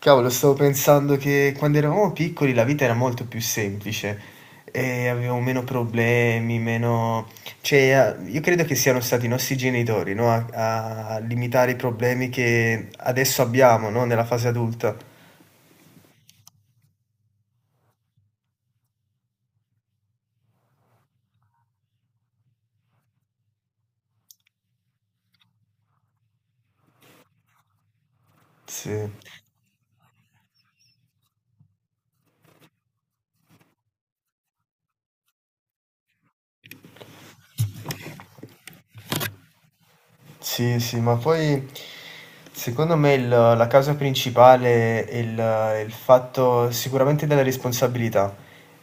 Cavolo, stavo pensando che quando eravamo piccoli la vita era molto più semplice e avevamo meno problemi, meno. Cioè, io credo che siano stati i nostri genitori, no, a limitare i problemi che adesso abbiamo, no, nella fase adulta. Sì. Sì, sì, ma poi secondo me la causa principale è il fatto sicuramente della responsabilità,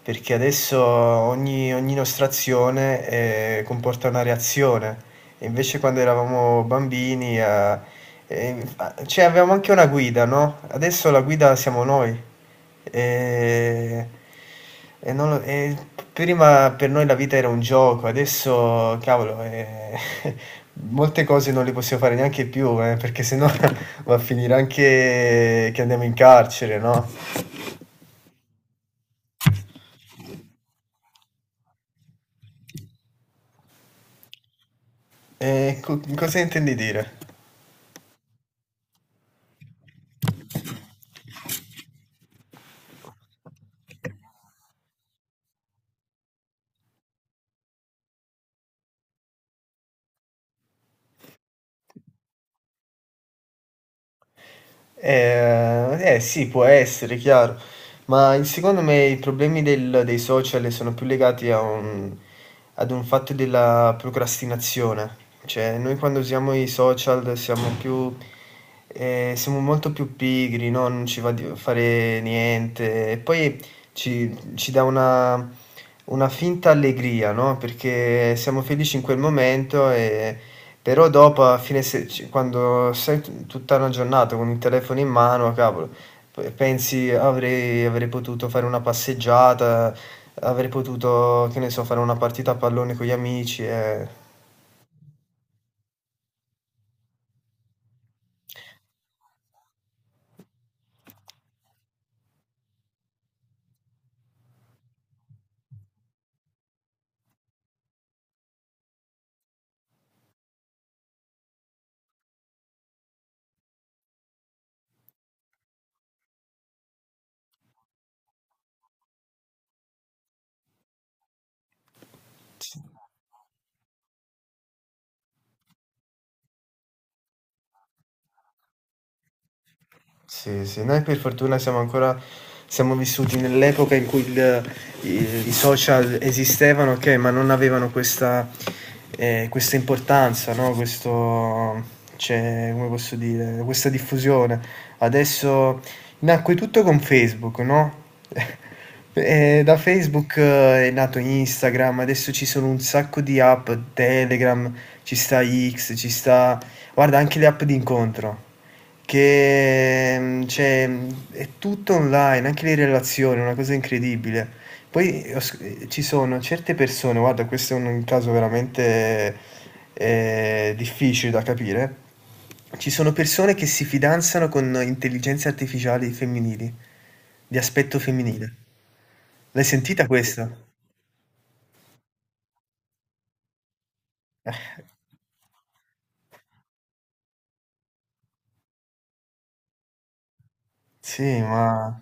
perché adesso ogni nostra azione comporta una reazione, e invece quando eravamo bambini fa cioè avevamo anche una guida, no, adesso la guida siamo noi. Ehm, e non lo e p prima per noi la vita era un gioco, adesso cavolo, molte cose non le possiamo fare neanche più, perché se no va a finire anche che andiamo in carcere, no? Co Cosa intendi dire? Eh, sì, può essere, chiaro, ma secondo me i problemi dei social sono più legati ad un fatto della procrastinazione, cioè noi quando usiamo i social siamo molto più pigri, no? Non ci va di fare niente, e poi ci dà una finta allegria, no? Perché siamo felici in quel momento, però dopo, a fine se- ci- quando tutta una giornata con il telefono in mano, cavolo, pensi avrei potuto fare una passeggiata, avrei potuto, che ne so, fare una partita a pallone con gli amici. Sì, sì, noi per fortuna siamo vissuti nell'epoca in cui il i i social esistevano, okay, ma non avevano questa importanza, no, questo cioè, come posso dire, questa diffusione. Adesso nacque tutto con Facebook, no, da Facebook è nato Instagram, adesso ci sono un sacco di app, Telegram, ci sta X, ci sta guarda anche le app d'incontro. Che, cioè, è tutto online, anche le relazioni, è una cosa incredibile. Poi ho sc ci sono certe persone, guarda questo è un caso veramente, difficile da capire. Ci sono persone che si fidanzano con intelligenze artificiali femminili, di aspetto femminile. L'hai sentita questa? Eh. Sì, ma.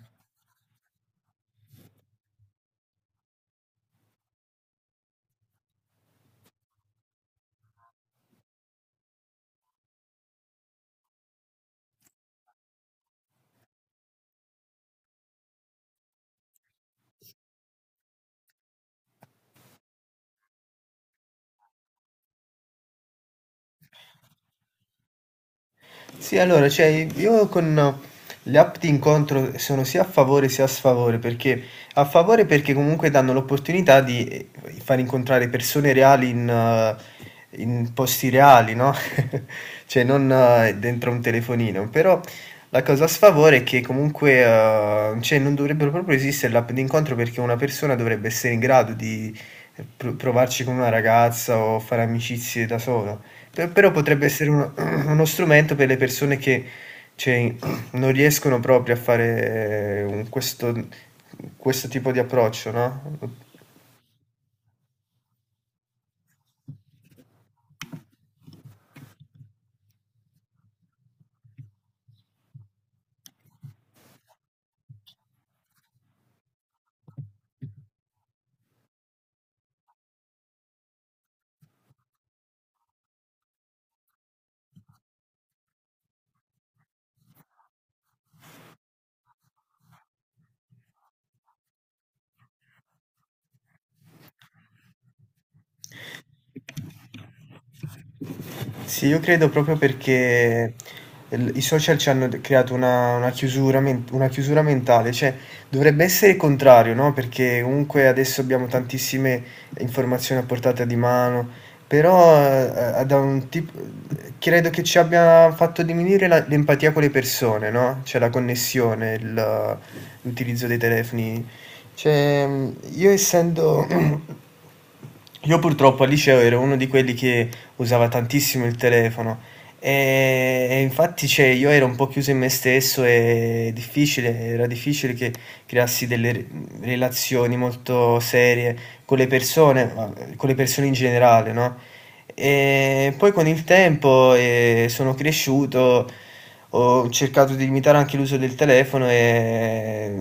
Sì, allora, cioè, io con le app di incontro sono sia a favore sia a sfavore, perché a favore perché comunque danno l'opportunità di far incontrare persone reali in posti reali, no? Cioè, non dentro un telefonino, però la cosa a sfavore è che comunque, cioè, non dovrebbero proprio esistere le app di incontro perché una persona dovrebbe essere in grado di provarci con una ragazza o fare amicizie da sola. Però potrebbe essere uno strumento per le persone che cioè, non riescono proprio a fare questo tipo di approccio, no? Sì, io credo proprio perché i social ci hanno creato una chiusura, una chiusura mentale, cioè dovrebbe essere il contrario, no? Perché comunque adesso abbiamo tantissime informazioni a portata di mano, però credo che ci abbia fatto diminuire l'empatia con le persone, no? Cioè la connessione, l'utilizzo dei telefoni. Cioè, io essendo io purtroppo al liceo ero uno di quelli che usava tantissimo il telefono e infatti cioè, io ero un po' chiuso in me stesso e era difficile che creassi delle relazioni molto serie con le persone, ma con le persone in generale, no? E poi con il tempo sono cresciuto, ho cercato di limitare anche l'uso del telefono e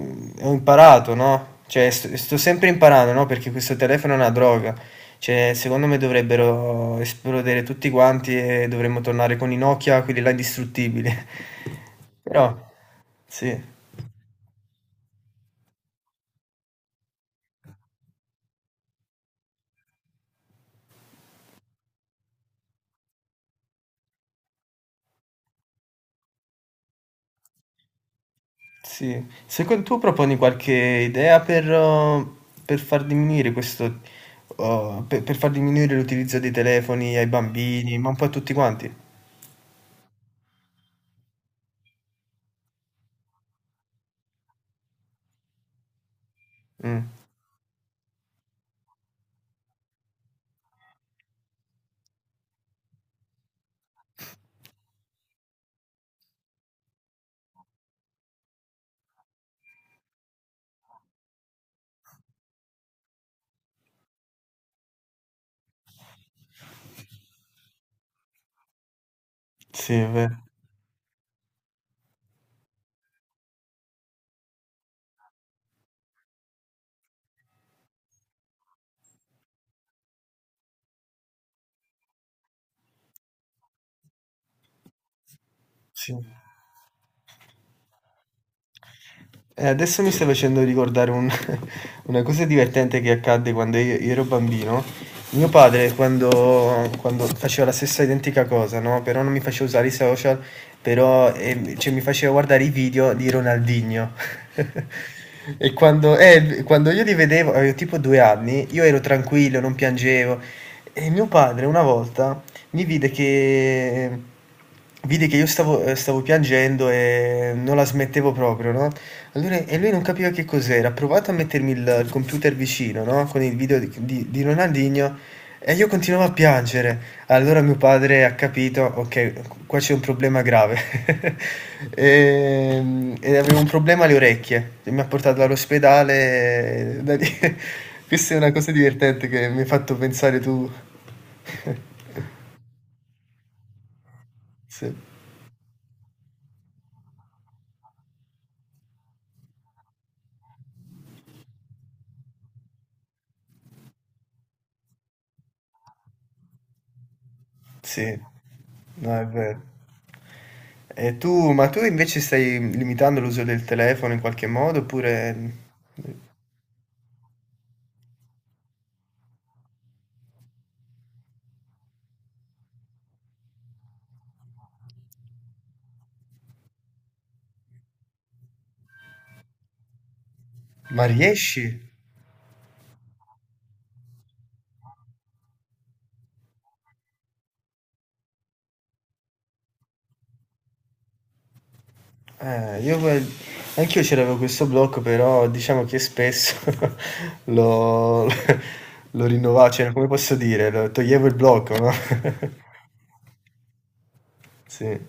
ho imparato, no? Cioè, sto sempre imparando, no? Perché questo telefono è una droga. Cioè, secondo me dovrebbero esplodere tutti quanti e dovremmo tornare con i Nokia, quelli là indistruttibili. Però, sì, sì. Secondo tu proponi qualche idea per far diminuire per far diminuire l'utilizzo dei telefoni ai bambini, ma un po' a tutti quanti? Mm, sì, è vero. Sì. Adesso mi stai facendo ricordare una cosa divertente che accadde quando io ero bambino. Mio padre, quando faceva la stessa identica cosa, no? Però non mi faceva usare i social, però cioè, mi faceva guardare i video di Ronaldinho. E quando io li vedevo, avevo tipo 2 anni, io ero tranquillo, non piangevo. E mio padre una volta mi vide che io stavo piangendo e non la smettevo proprio, no? Allora, lui non capiva che cos'era, ha provato a mettermi il computer vicino, no, con il video di Ronaldinho e io continuavo a piangere. Allora mio padre ha capito: "Okay, q qua c'è un problema grave". E avevo un problema alle orecchie e mi ha portato all'ospedale da lì questa è una cosa divertente che mi hai fatto pensare tu. Sì. Sì, no, è vero. Ma tu invece stai limitando l'uso del telefono in qualche modo oppure. Ma riesci? Eh, io que- anch'io c'avevo questo blocco, però diciamo che spesso lo rinnovavo, cioè come posso dire, toglievo il blocco, no? Sì.